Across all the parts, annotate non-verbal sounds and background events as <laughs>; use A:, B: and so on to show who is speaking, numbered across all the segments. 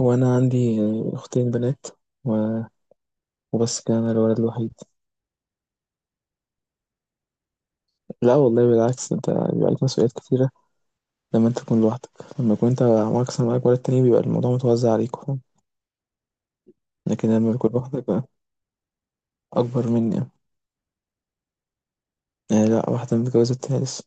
A: هو أنا عندي أختين بنات، و- وبس كده أنا الولد الوحيد. لا والله، بالعكس، أنت بيبقى عليك مسؤوليات كتيرة لما أنت تكون لوحدك. لما يكون أنت معاك أصلا، معاك ولد تاني، بيبقى الموضوع متوزع عليك، فاهم؟ لكن لما بيكون لوحدك بقى. أكبر مني. يعني لا، واحدة متجوزة، التالت.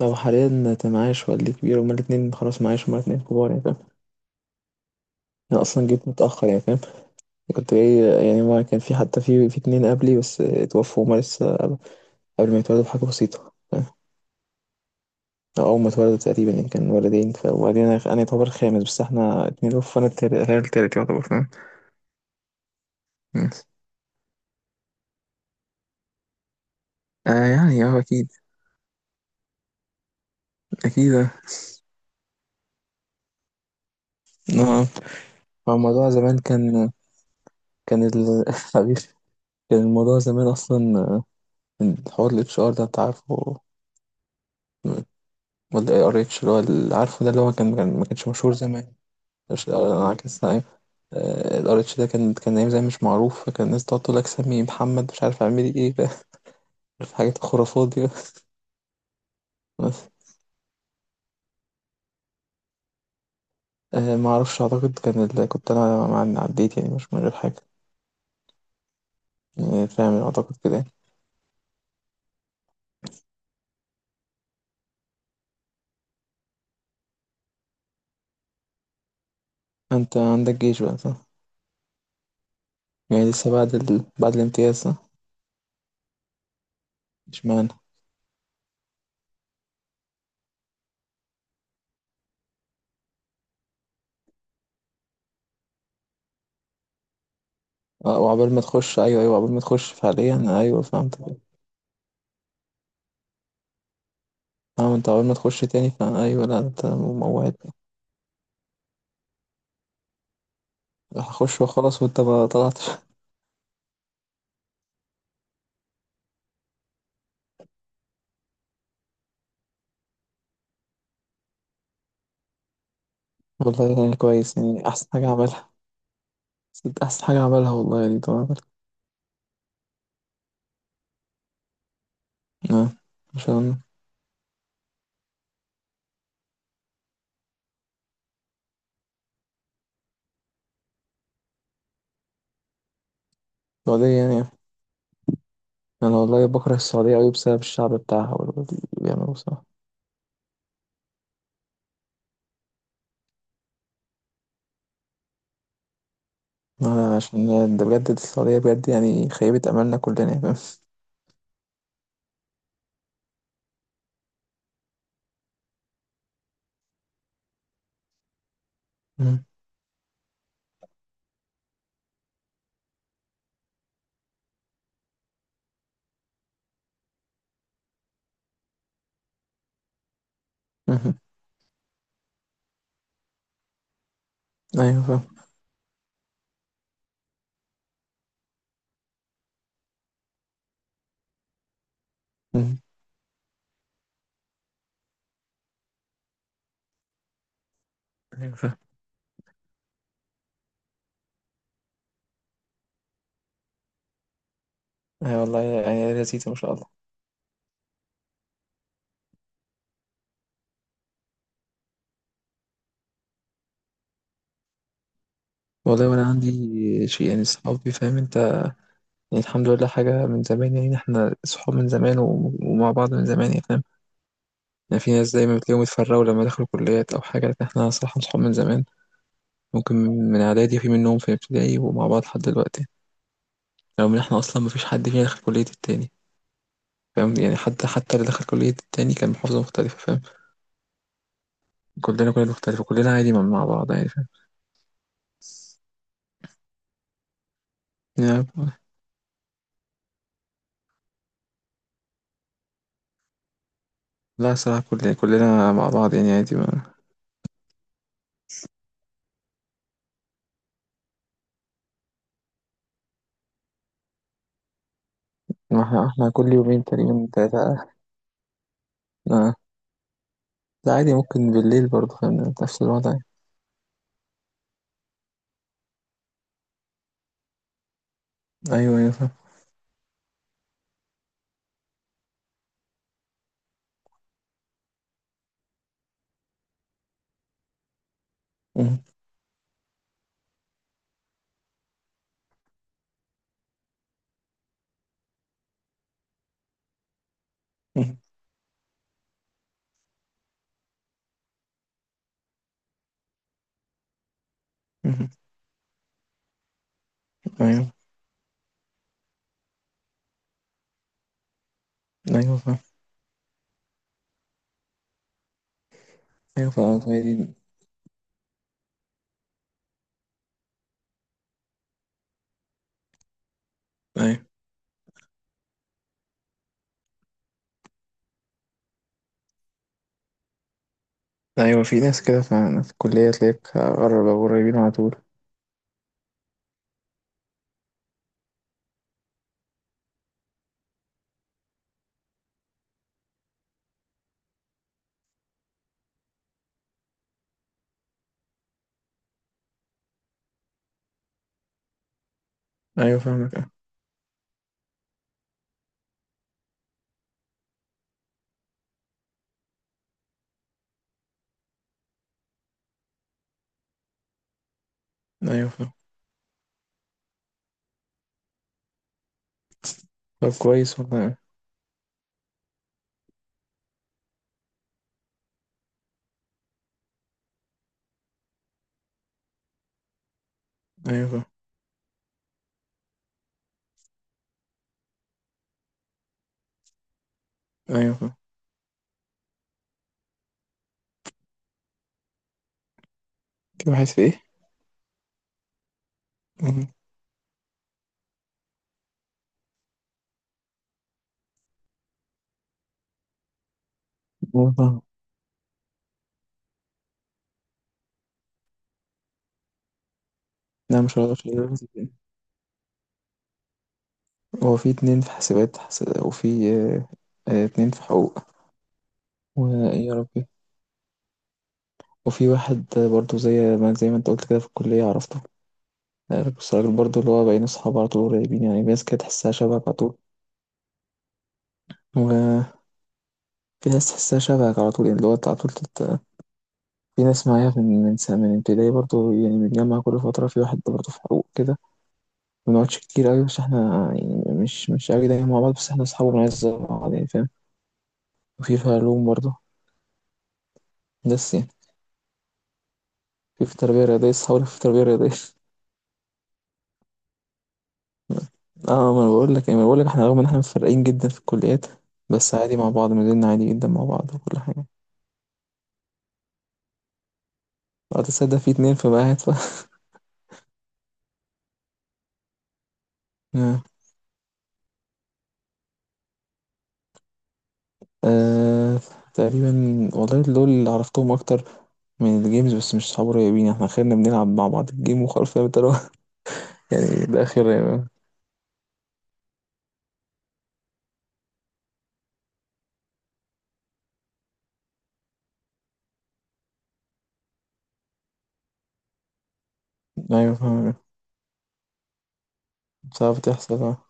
A: لو حاليا أنت معاش، والدي كبير، هما الاتنين خلاص معاش، هما الاتنين كبار يعني، فاهم. أنا أصلا جيت متأخر يعني، فاهم. كنت جاي، يعني ما كان في حتى في اتنين قبلي، بس اتوفوا، هما لسه قبل، قبل ما يتولدوا بحاجة بسيطة. أول ما اتولدوا تقريبا يعني كان والدين، وبعدين أنا، يعتبر خامس، بس إحنا اتنين أوف، وأنا التالت، أنا التالت يعتبر فاهم. مم. آه، يعني أكيد. أكيد، أه. آه. هو الموضوع زمان كان، كان ال <laughs> حبيبي، كان الموضوع زمان أصلا، الحوار ال HR ده أنت عارفه، ولا ار اتش، اللي هو اللي عارفه ده، اللي هو ما كانش مشهور زمان. مش عكس. الار اتش ده كان، ايام زمان مش معروف، فكان الناس تقعد تقول لك سمي محمد، مش عارف اعملي ايه، <laughs> عارف حاجات الخرافات دي. <laughs> ما اعرفش، اعتقد كان اللي كنت انا مع، عديت يعني، مش من غير حاجه، يعني فاهم، اعتقد كده يعني. انت عندك جيش بقى، صح. يعني لسه بعد الامتياز، صح. اشمعنى. اه، وعقبال ما تخش، ايوه، ايوه، عقبال ما تخش فعليا، ايوه فهمت. فاهم، انت عقبال ما تخش تاني، ايوه، لا، انت موعد. هخش وخلاص، وانت ما طلعتش. <laughs> والله يعني كويس، يعني احسن حاجه عملها، احسن حاجه عملها والله، يعني طبعا. اه. عشان السعوديه يعني. انا والله بكره السعوديه قوي بسبب الشعب بتاعها، واللي بيعملوه، صح. آه، عشان ده بجد، السعودية بجد يعني خيبت أملنا كلنا، يا فاهم. مم. مهم. أيوة فاهم. مم. أيوة فاهم. أيوة والله يعني لذيذة، ما شاء الله. والله وأنا عندي شيء يعني، صحابي، فاهم أنت. يعني الحمد لله، حاجة من زمان، يعني إحنا صحاب من زمان، ومع بعض من زمان، يعني فاهم. يعني في ناس دايما بتلاقيهم اتفرقوا لما دخلوا كليات أو حاجة، لكن إحنا صراحة صحاب من زمان. ممكن من إعدادي، في منهم في ابتدائي، ومع بعض لحد دلوقتي. رغم إن إحنا أصلا مفيش حد فينا دخل كلية التاني، فاهم يعني، حتى اللي دخل كلية التاني كان محافظة مختلفة، فاهم. كلنا مختلفة، كلنا عادي مع بعض، يعني فاهم. يعني- لا صراحة، كل كلنا مع بعض، يعني عادي، ما. ما احنا كل يومين تقريبا تلاتة. لا. لا عادي، ممكن بالليل برضه، فاهم، نفس الوضع. أيوه، أيوه فاهم. مم. مم. مم. أيوه، أيوه فاهم. أيوه فاهم، هي دي. أيوه، أيوه، في ناس كده، فاهم، في الكلية تلاقيك قرب، أو قريبين على طول. أيوه فاهمك، أه. أيوه فاهم. طب كويس والله. أيوه فاهم. أيوه فاهم. في واحد في إيه؟ مم. أيوه فاهم. لا، مش هقدر أشيل. هو في اتنين في وفي آه، اتنين في حقوق. ويا ربي، وفي واحد، برضو زي ما انت قلت كده في الكلية عرفته. بس الراجل برضو، اللي هو بقينا صحاب على طول، قريبين، يعني في ناس كده تحسها شبهك على طول. وفي ناس تحسها شبهك على طول، يعني اللي هو انت على طول في ناس معايا من سنة من ابتدائي برضو، يعني بنتجمع كل فترة. في واحد برضو في حقوق كده، ما بنقعدش كتير أوي، بس احنا يعني مش أوي دايما مع بعض، بس احنا أصحاب وبنعز بعض، يعني فاهم. وفي علوم برضو، بس يعني. في تربية رياضية، صحابي في تربية رياضية. اه، ما انا بقول لك يعني، ما أنا بقول لك احنا رغم ان احنا متفرقين جدا في الكليات، بس عادي مع بعض، ميزاننا عادي جدا مع بعض وكل حاجة. وقت تصدق، في اتنين في معاهد <laughs> آه. آه، تقريبا. والله دول اللي عرفتهم اكتر من الجيمز، بس مش صحاب قريبين، احنا خيرنا بنلعب مع بعض الجيم وخلاص، فاهم انت، اللي هو <laughs> يعني ده خير يعني. ايوه فاهم. صعب تحصل، اه.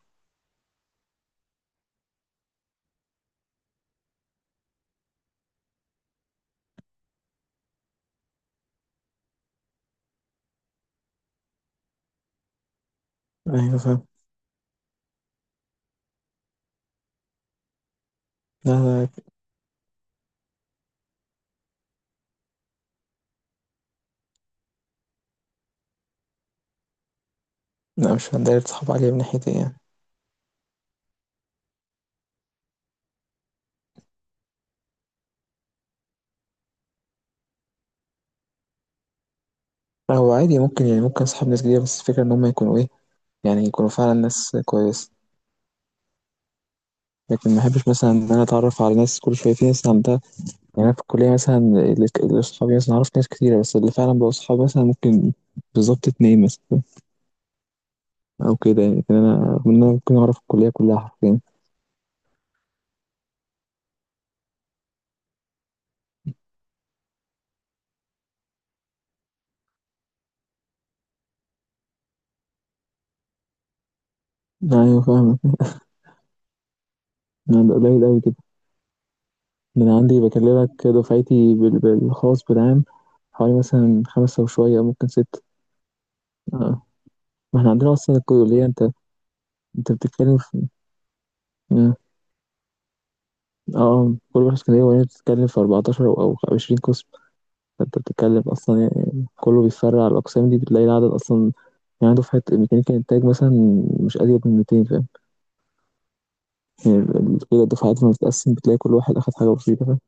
A: ايوه فاهم. لا، لا. لا، مش هندار صحاب عليا من ناحيتي يعني. هو عادي، ممكن يعني، ممكن صحاب ناس جديدة، بس الفكرة ان هم يكونوا ايه، يعني يكونوا فعلا ناس كويسة. لكن ما احبش مثلا ان انا اتعرف على ناس كل شويه، في ناس عندها. يعني انا في الكليه مثلا، اللي اصحابي مثلا، عرفت ناس كتيره، بس اللي فعلا بقوا اصحابي مثلا ممكن بالظبط اتنين مثلا، او كده يعني، لكن انا رغم ان انا ممكن اعرف الكليه كلها حرفيا. ايوه فاهمك. انا بقى قليل قوي كده. ده انا عندي بكلمك دفعتي بالخاص، بالعام حوالي مثلا خمسة وشوية، ممكن ستة. اه. ما احنا عندنا اصلا الكلية، انت، انت بتتكلم في، اه، آه، كل واحد كان، هي بتتكلم في 14 او 20 قسم، فأنت بتتكلم أصلا يعني كله بيتفرع على الأقسام دي، بتلاقي العدد أصلا. يعني دفعة ميكانيكا إنتاج مثلا مش أزيد من 200، فاهم. يعني كده الدفعات لما بتتقسم، بتلاقي كل واحد أخد حاجة بسيطة